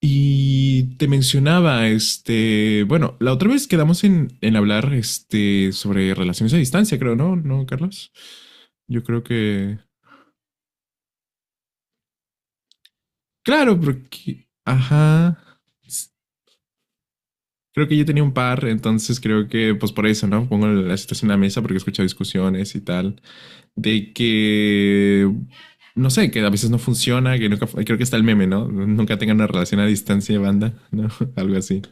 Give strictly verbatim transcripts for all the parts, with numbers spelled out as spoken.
Y te mencionaba, este, bueno, la otra vez quedamos en, en hablar, este, sobre relaciones a distancia, creo, ¿no? ¿No, Carlos? Yo creo que, claro, porque, ajá, s- creo que yo tenía un par, entonces creo que, pues por eso, ¿no? Pongo la situación en la mesa porque he escuchado discusiones y tal, de que, no sé, que a veces no funciona, que nunca, creo que está el meme, ¿no? Nunca tengan una relación a distancia, banda, ¿no? Algo así.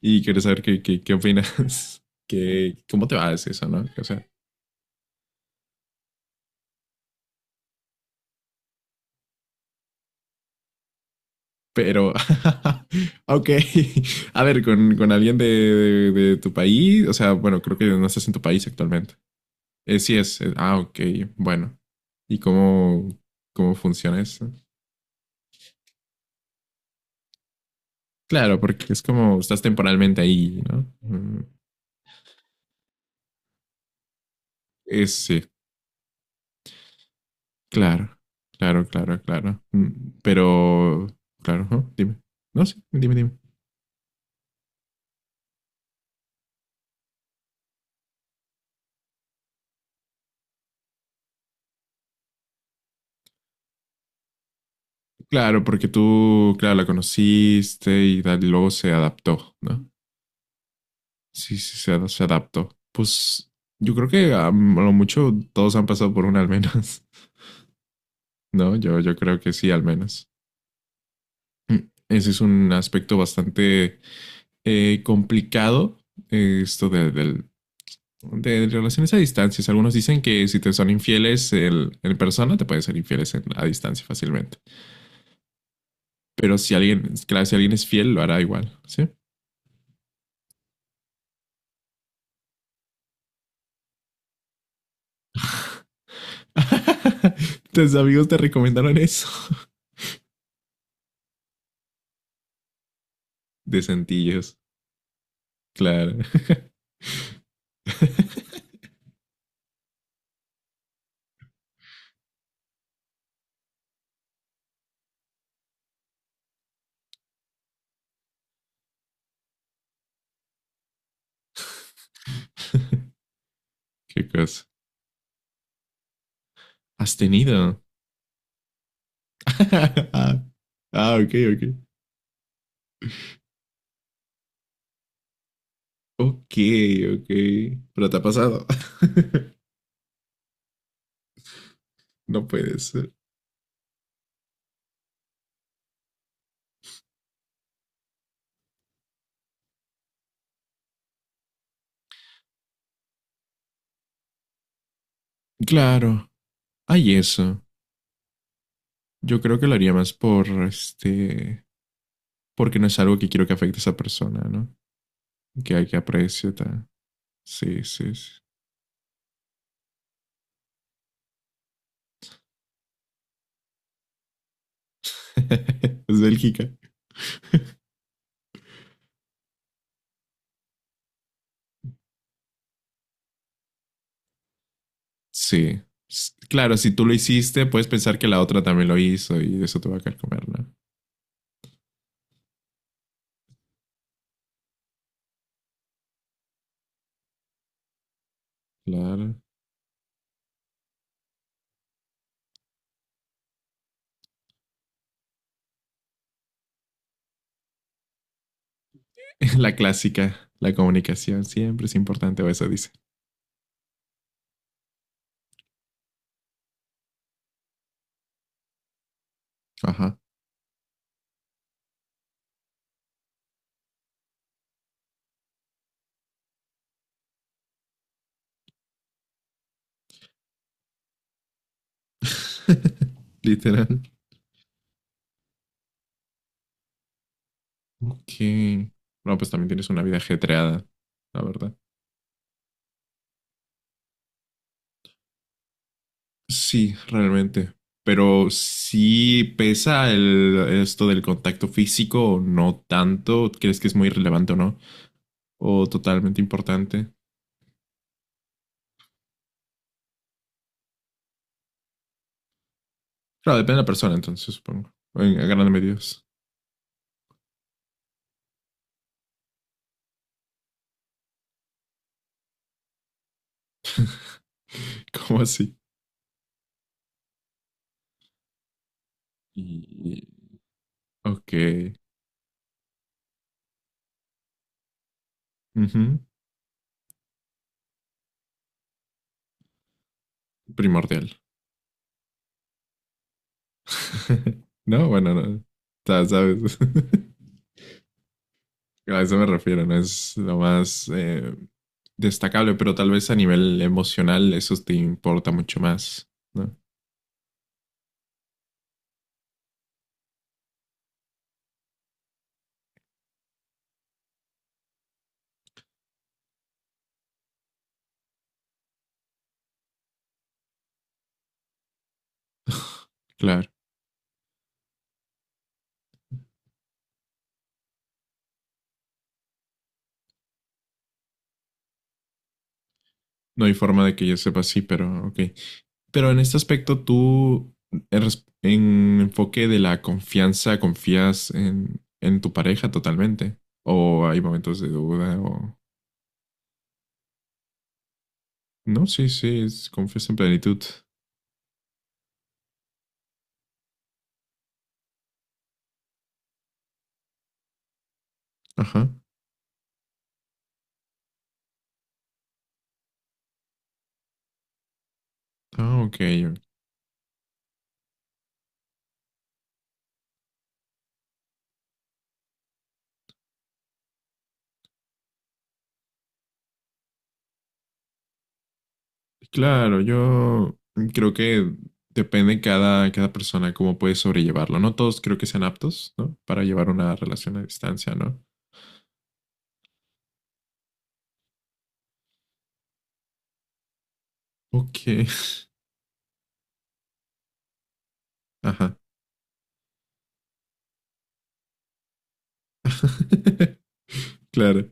Y quiero saber qué, qué, qué opinas. ¿Qué, ¿Cómo te va eso, no? O sea, pero, ok. A ver, con, con alguien de, de- de tu país, o sea, bueno, creo que no estás en tu país actualmente. Eh, sí es, eh, ah, ok, bueno. ¿Y cómo, cómo funciona eso? Claro, porque es como estás temporalmente ahí, ¿no? Mm, es, sí, claro, claro, claro, claro. Mm, pero, claro, ¿no? Dime. No, sí, dime, dime. Claro, porque tú, claro, la conociste y da- luego se adaptó, ¿no? Sí, sí, se, ad- se adaptó. Pues yo creo que a lo mucho todos han pasado por una al menos, ¿no? Yo, yo creo que sí, al menos. Mm, ese es un aspecto bastante eh, complicado, eh, esto de, del- de relaciones a distancias. Algunos dicen que si te son infieles el- en persona, te pueden ser infieles en- a distancia fácilmente. Pero si alguien, claro, si alguien es fiel, lo hará igual, ¿sí? Tus amigos te recomendaron eso. De sentillos, claro. ¿Qué cosa? ¿Has tenido? ah, ok, ok. Ok, ok. Pero te ha pasado. no puede ser. Claro, hay eso. Yo creo que lo haría más por este. Porque no es algo que quiero que afecte a esa persona, ¿no? Que hay que apreciar. Sí, sí, sí. es Bélgica. Sí. S- Claro, si tú lo hiciste, puedes pensar que la otra también lo hizo y eso te va a carcomer, ¿no? Claro. La clásica, la comunicación siempre es importante, o eso dice. Ajá. Literal. Ok. No, pues también tienes una vida ajetreada, la verdad. Sí, realmente. Pero sí pesa el, esto del contacto físico o no tanto. ¿Crees que es muy relevante o no? O totalmente importante. Claro, depende de la persona, entonces, supongo. En, en grandes medidas. ¿Cómo así? Y ok. Ujú. Primordial. No, bueno, no. Ta- Sabes. A eso me refiero, no es lo más eh, destacable, pero tal vez a nivel emocional eso te importa mucho más, ¿no? Claro. No hay forma de que yo sepa, sí, pero ok. Pero en este aspecto, tú, en res- en enfoque de la confianza, confías en, en tu pareja totalmente. O hay momentos de duda, o. No, sí, sí, es- confías en plenitud. Ajá. Ah, ok. Claro, yo creo que depende cada, cada persona cómo puede sobrellevarlo. No todos creo que sean aptos, ¿no? Para llevar una relación a distancia, ¿no? Ok. Ajá. Claro.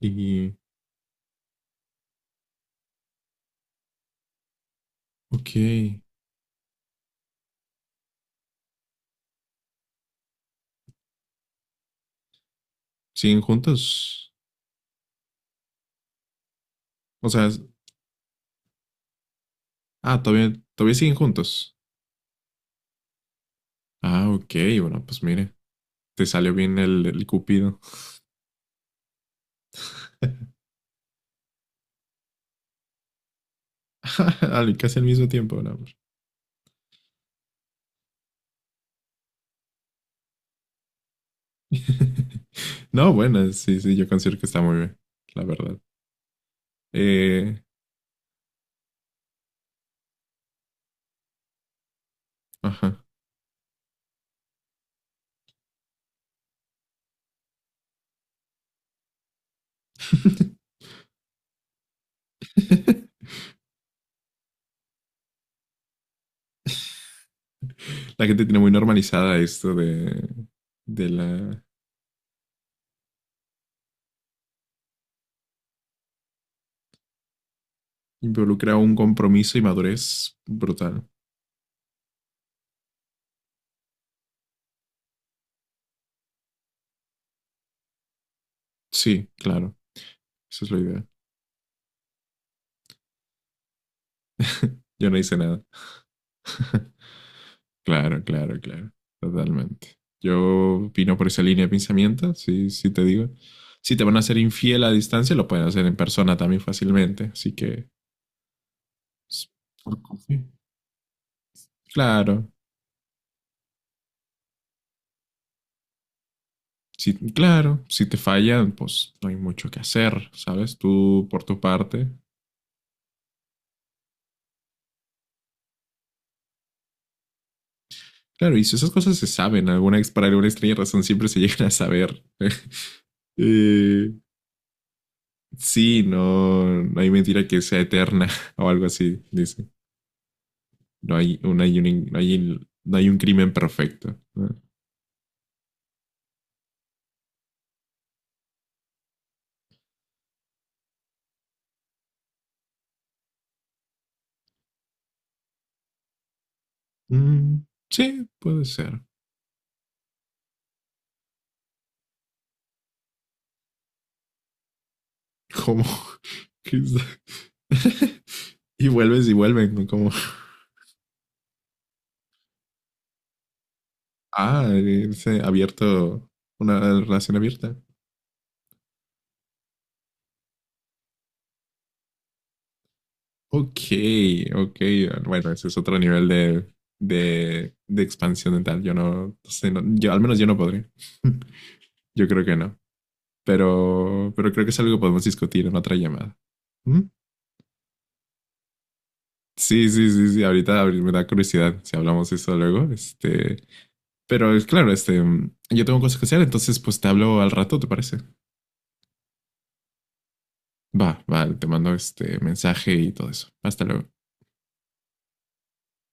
Y, ok, ¿siguen juntos? O sea, es- ah, todavía, todavía siguen juntos. Ah, ok, bueno, pues mire, te salió bien el, el cupido. Al- Casi al mismo tiempo, no, hombre. No, bueno, sí, sí, yo considero que está muy bien, la verdad. Eh, ajá. La gente tiene muy normalizada esto de, de la... Involucra un compromiso y madurez brutal. Sí, claro, esa es la idea. Yo no hice nada. Claro, claro, claro, totalmente. Yo opino por esa línea de pensamiento, sí, sí te digo. Si te van a hacer infiel a distancia, lo pueden hacer en persona también fácilmente, así que s- por confiar. Claro, sí, claro, si te fallan, pues no hay mucho que hacer, ¿sabes? Tú por tu parte. Claro, y si esas cosas se saben, alguna ex- para alguna extraña razón siempre se llegan a saber. Eh, sí, no, no hay mentira que sea eterna o algo así, dice. No hay, un, hay un, no hay, no hay un crimen perfecto. ¿No? Mm, sí, puede ser. Como. y vuelves y vuelven. ¿No? Como. Ah, es eh, abierto. Una relación abierta. Ok, ok. Bueno, ese es otro nivel de, de, de expansión mental. Yo no, no sé, no, yo, al menos yo no podría yo creo que no. Pero, pero creo que es algo que podemos discutir en otra llamada. ¿Mm? Sí, sí, sí, sí. Ahorita abri- me da curiosidad si hablamos de eso luego. Este, pero es claro, este, yo tengo cosas que hacer, entonces pues te hablo al rato, ¿te parece? Va, va, te mando este mensaje y todo eso. Hasta luego.